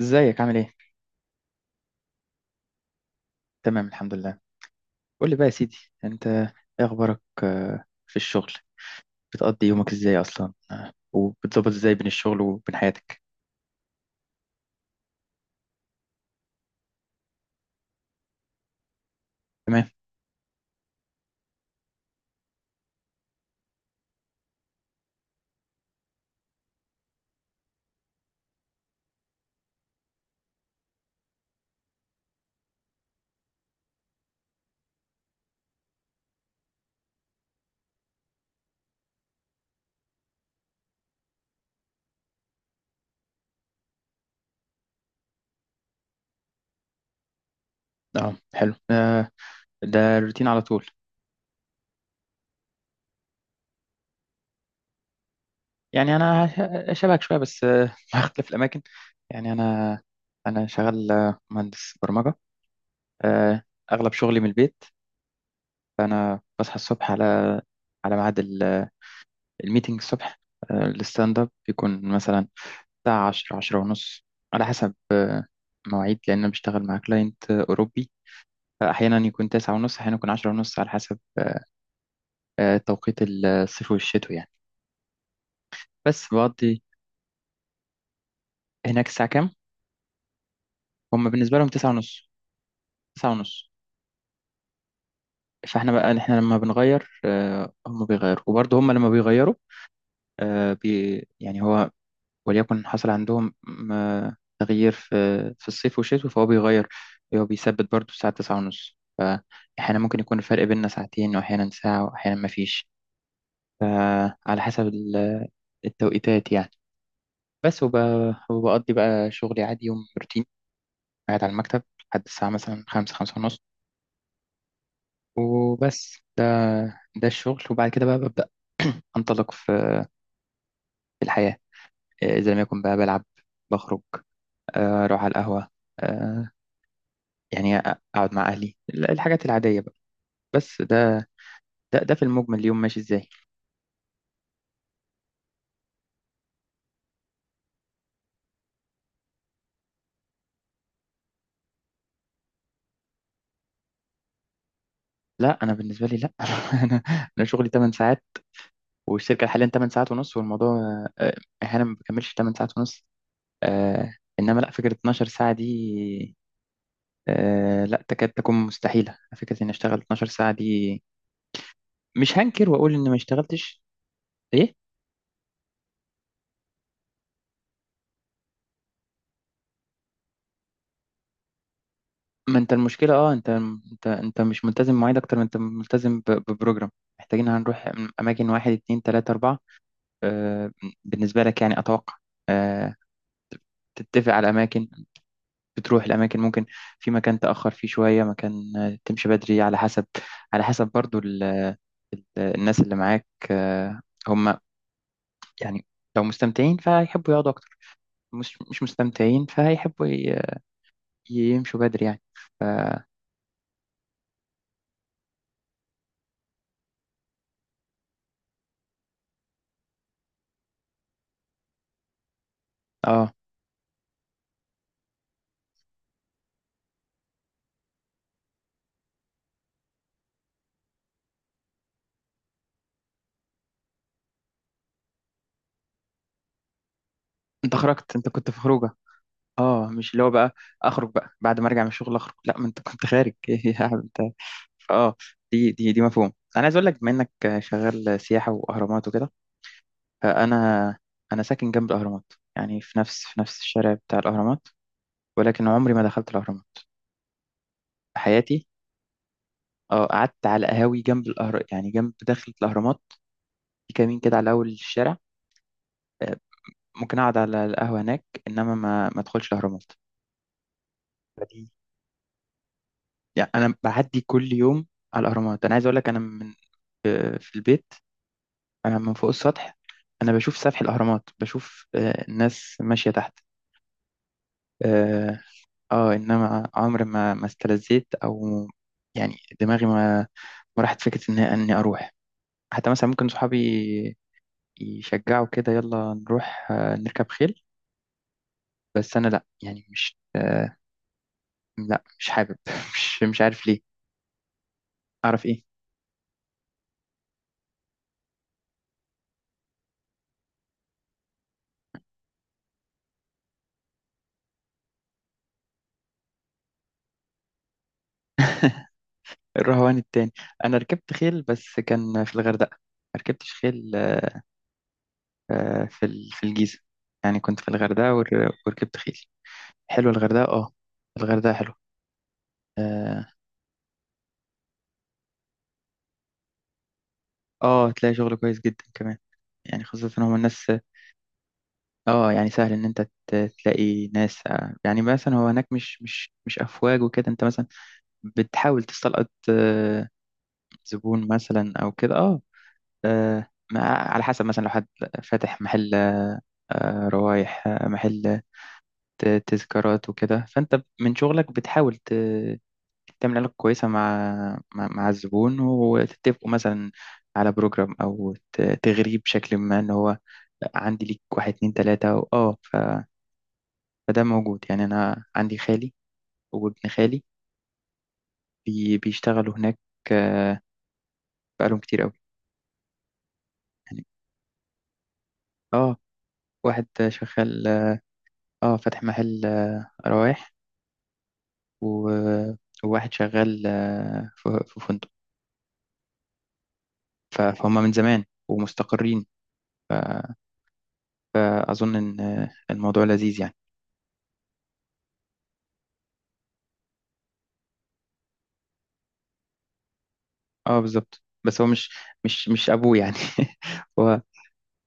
ازيك عامل ايه؟ تمام الحمد لله. قول لي بقى يا سيدي، انت ايه اخبارك؟ في الشغل بتقضي يومك ازاي اصلا؟ وبتظبط ازاي بين الشغل وبين حياتك؟ تمام. اه حلو، ده الروتين على طول؟ يعني انا شبهك شويه بس، مع اختلاف الاماكن. يعني انا شغال مهندس برمجه. آه، اغلب شغلي من البيت، فانا بصحى الصبح على على ميعاد الميتنج الصبح. الستاند اب بيكون مثلا الساعة عشرة عشرة ونص، على حسب مواعيد، لأن أنا بشتغل مع كلاينت أوروبي. فأحيانا يكون تسعة ونص، أحيانا يكون عشرة ونص، على حسب توقيت الصيف والشتو يعني. بس بقضي. هناك الساعة كام؟ هم بالنسبة لهم تسعة ونص. تسعة ونص. فاحنا بقى احنا لما بنغير، هم بيغيروا، وبرضه هم لما بيغيروا آه، بي يعني هو وليكن حصل عندهم تغيير في في الصيف والشتاء فهو بيغير. هو بيثبت برضه الساعة تسعة ونص، فأحيانا ممكن يكون الفرق بيننا ساعتين، وأحيانا ساعة، وأحيانا مفيش، على حسب التوقيتات يعني. بس وب... وبقضي بقى شغلي عادي، يوم روتين، قاعد على المكتب لحد الساعة مثلا خمسة خمسة ونص. وبس ده، ده الشغل. وبعد كده بقى ببدأ أنطلق في في الحياة. إذا لم يكن بقى بلعب، بخرج، أروح على القهوة، آه، يعني اقعد مع اهلي الحاجات العاديه بقى. بس ده، ده في المجمل اليوم ماشي ازاي. لا، انا بالنسبه لي لا. انا انا شغلي 8 ساعات، والشركه حاليا 8 ساعات ونص، والموضوع احيانا ما بكملش 8 ساعات ونص. آه، انما لا، فكره 12 ساعه دي، لا تكاد تكون مستحيله، فكره اني اشتغل 12 ساعه دي. مش هنكر واقول اني ما اشتغلتش. ايه. ما انت المشكله، اه، انت انت مش ملتزم بمواعيد، اكتر ما انت ملتزم ببروجرام. محتاجين هنروح اماكن واحد اتنين تلاته اربعه، آه، بالنسبة لك يعني أتوقع، آه، تتفق على أماكن، بتروح الأماكن. ممكن في مكان تأخر فيه شوية، مكان تمشي بدري، على حسب على حسب برضو الناس اللي معاك. آه، هم يعني لو مستمتعين فهيحبوا يقعدوا أكتر، مش مش مستمتعين فهيحبوا يمشوا بدري يعني. اه، انت خرجت، انت كنت في خروجة. اه، مش اللي هو بقى اخرج بقى بعد ما ارجع من الشغل اخرج، لا، ما انت كنت خارج. ايه يا عم انت. اه. دي مفهوم. انا عايز اقول لك، بما انك شغال سياحه واهرامات وكده، فانا انا ساكن جنب الاهرامات، يعني في نفس في نفس الشارع بتاع الاهرامات، ولكن عمري ما دخلت الاهرامات في حياتي. اه، قعدت على قهاوي جنب الاهرام، يعني جنب دخلة الاهرامات في كمين كده على اول الشارع. آه، ممكن اقعد على القهوه هناك، انما ما ادخلش الاهرامات. فدي يعني. انا بعدي كل يوم على الاهرامات. انا عايز اقول لك، انا من في البيت، أنا من فوق السطح أنا بشوف سفح الأهرامات، بشوف الناس ماشية تحت. آه, إنما عمري ما استلذيت، أو يعني دماغي ما ما راحت فكرة إن إني أروح. حتى مثلا ممكن صحابي يشجعوا كده، يلا نروح نركب خيل، بس أنا لأ، يعني مش آه، لأ مش حابب. مش عارف ليه. أعرف إيه. الرهوان التاني. أنا ركبت خيل بس كان في الغردقة، ما ركبتش خيل في الجيزة. يعني كنت في الغردقة وركبت خيل. حلوة الغردقة اه. الغردقة حلوة. اه. تلاقي شغل كويس جدا كمان. يعني خاصة ان هو الناس، اه يعني سهل ان انت ت- تلاقي ناس يعني مثلا. هو هناك مش مش افواج وكده. انت مثلا بتحاول تستلقط زبون مثلا او كده اه. آه، على حسب مثلا لو حد فاتح محل روايح، محل تذكارات وكده، فانت من شغلك بتحاول تعمل علاقة كويسة مع مع الزبون، وتتفقوا مثلا على بروجرام، أو تغريه بشكل ما إن هو عندي ليك واحد اتنين تلاتة فده موجود يعني. أنا عندي خالي وابن خالي بيشتغلوا هناك. آه، بقالهم كتير أوي يعني. اه، واحد شغال اه فاتح محل روايح، و... وواحد شغال في فندق. فهم من زمان ومستقرين. فأظن إن الموضوع لذيذ يعني. اه بالظبط، بس هو مش مش ابوه يعني. هو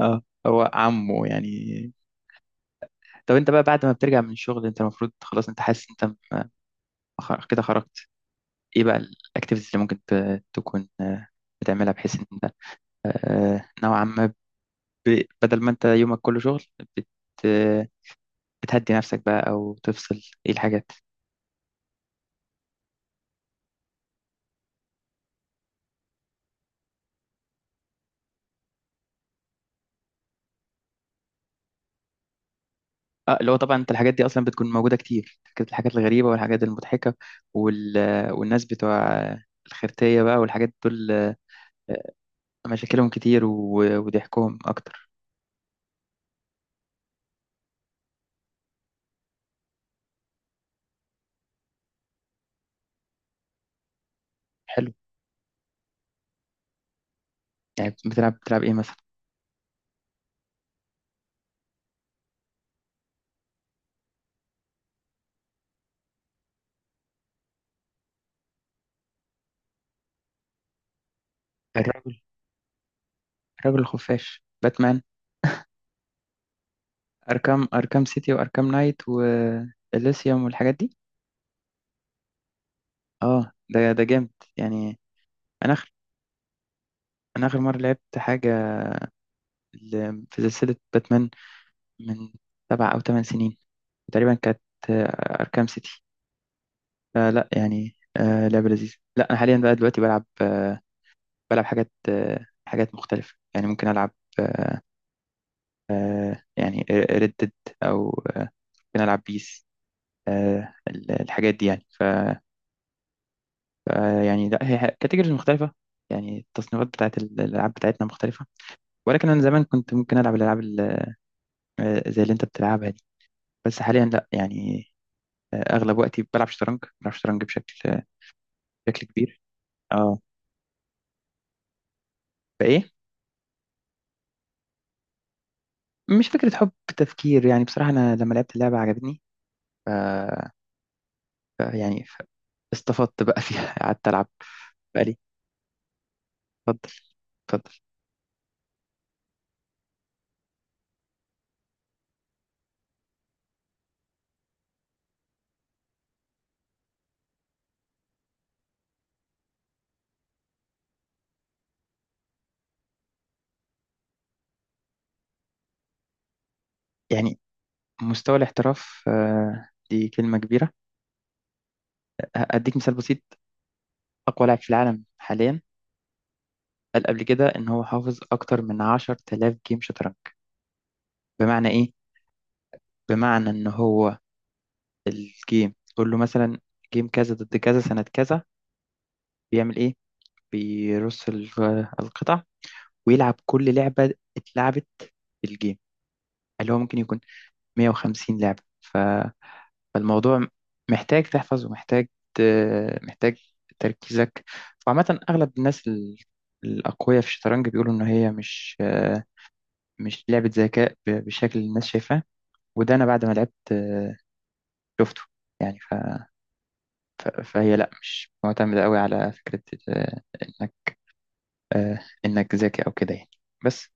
اه، هو عمه يعني. طب انت بقى بعد ما بترجع من الشغل، انت المفروض خلاص انت حاسس انت، م- كده خرجت. ايه بقى الاكتيفيتيز اللي ممكن تكون بتعملها، بحيث ان انت نوعا ما بدل ما انت يومك كله شغل، بت بتهدي نفسك بقى او تفصل؟ ايه الحاجات؟ اه، اللي هو طبعا انت الحاجات دي اصلا بتكون موجوده كتير، الحاجات الغريبه والحاجات المضحكه وال... والناس بتوع الخرتيه بقى والحاجات دول، مشاكلهم كتير وضحكهم أكتر. حلو. يعني بتلعب بتلعب إيه مثلا؟ الرجل الرجل الخفاش، باتمان. أركام، أركام سيتي وأركام نايت وإليسيوم والحاجات دي. اه ده، ده جامد يعني. أنا آخر أنا آخر مرة لعبت حاجة في سلسلة باتمان من سبع أو ثمان سنين تقريبا، كانت أركام سيتي. فلا يعني لعبة لذيذة. لا، أنا حاليا بقى دلوقتي بلعب، حاجات حاجات مختلفة يعني. ممكن ألعب يعني ردد، او آه، بنلعب بيس الحاجات دي يعني. ف يعني لا، هي كاتيجوريز مختلفه، يعني التصنيفات بتاعت الالعاب بتاعتنا مختلفه. ولكن انا زمان كنت ممكن العب الالعاب زي اللي انت بتلعبها دي، بس حاليا لا يعني. اغلب وقتي بلعب شطرنج، بلعب شطرنج بشكل بشكل كبير. اه. فايه؟ مش فكره حب، تفكير يعني. بصراحه انا لما لعبت اللعبه عجبتني، ف ف- يعني ف- استفدت بقى فيها. قعدت العب. بقالي. اتفضل اتفضل. يعني مستوى الاحتراف دي كلمة كبيرة. أديك مثال بسيط. أقوى لاعب في العالم حاليا قال قبل كده إن هو حافظ أكتر من 10000 جيم شطرنج. بمعنى إيه؟ بمعنى إن هو الجيم تقول له مثلا جيم كذا ضد كذا سنة كذا، بيعمل إيه؟ بيرص القطع ويلعب كل لعبة اتلعبت في الجيم، اللي هو ممكن يكون 150 لعبة. فالموضوع محتاج تحفظ، ومحتاج ت- محتاج تركيزك. وعامة أغلب الناس الأقوياء في الشطرنج بيقولوا إن هي مش مش لعبة ذكاء بالشكل اللي الناس شايفاه. وده أنا بعد ما لعبت شفته يعني. فهي لأ، مش معتمدة قوي على فكرة آه، إنك إنك ذكي أو كده يعني. بس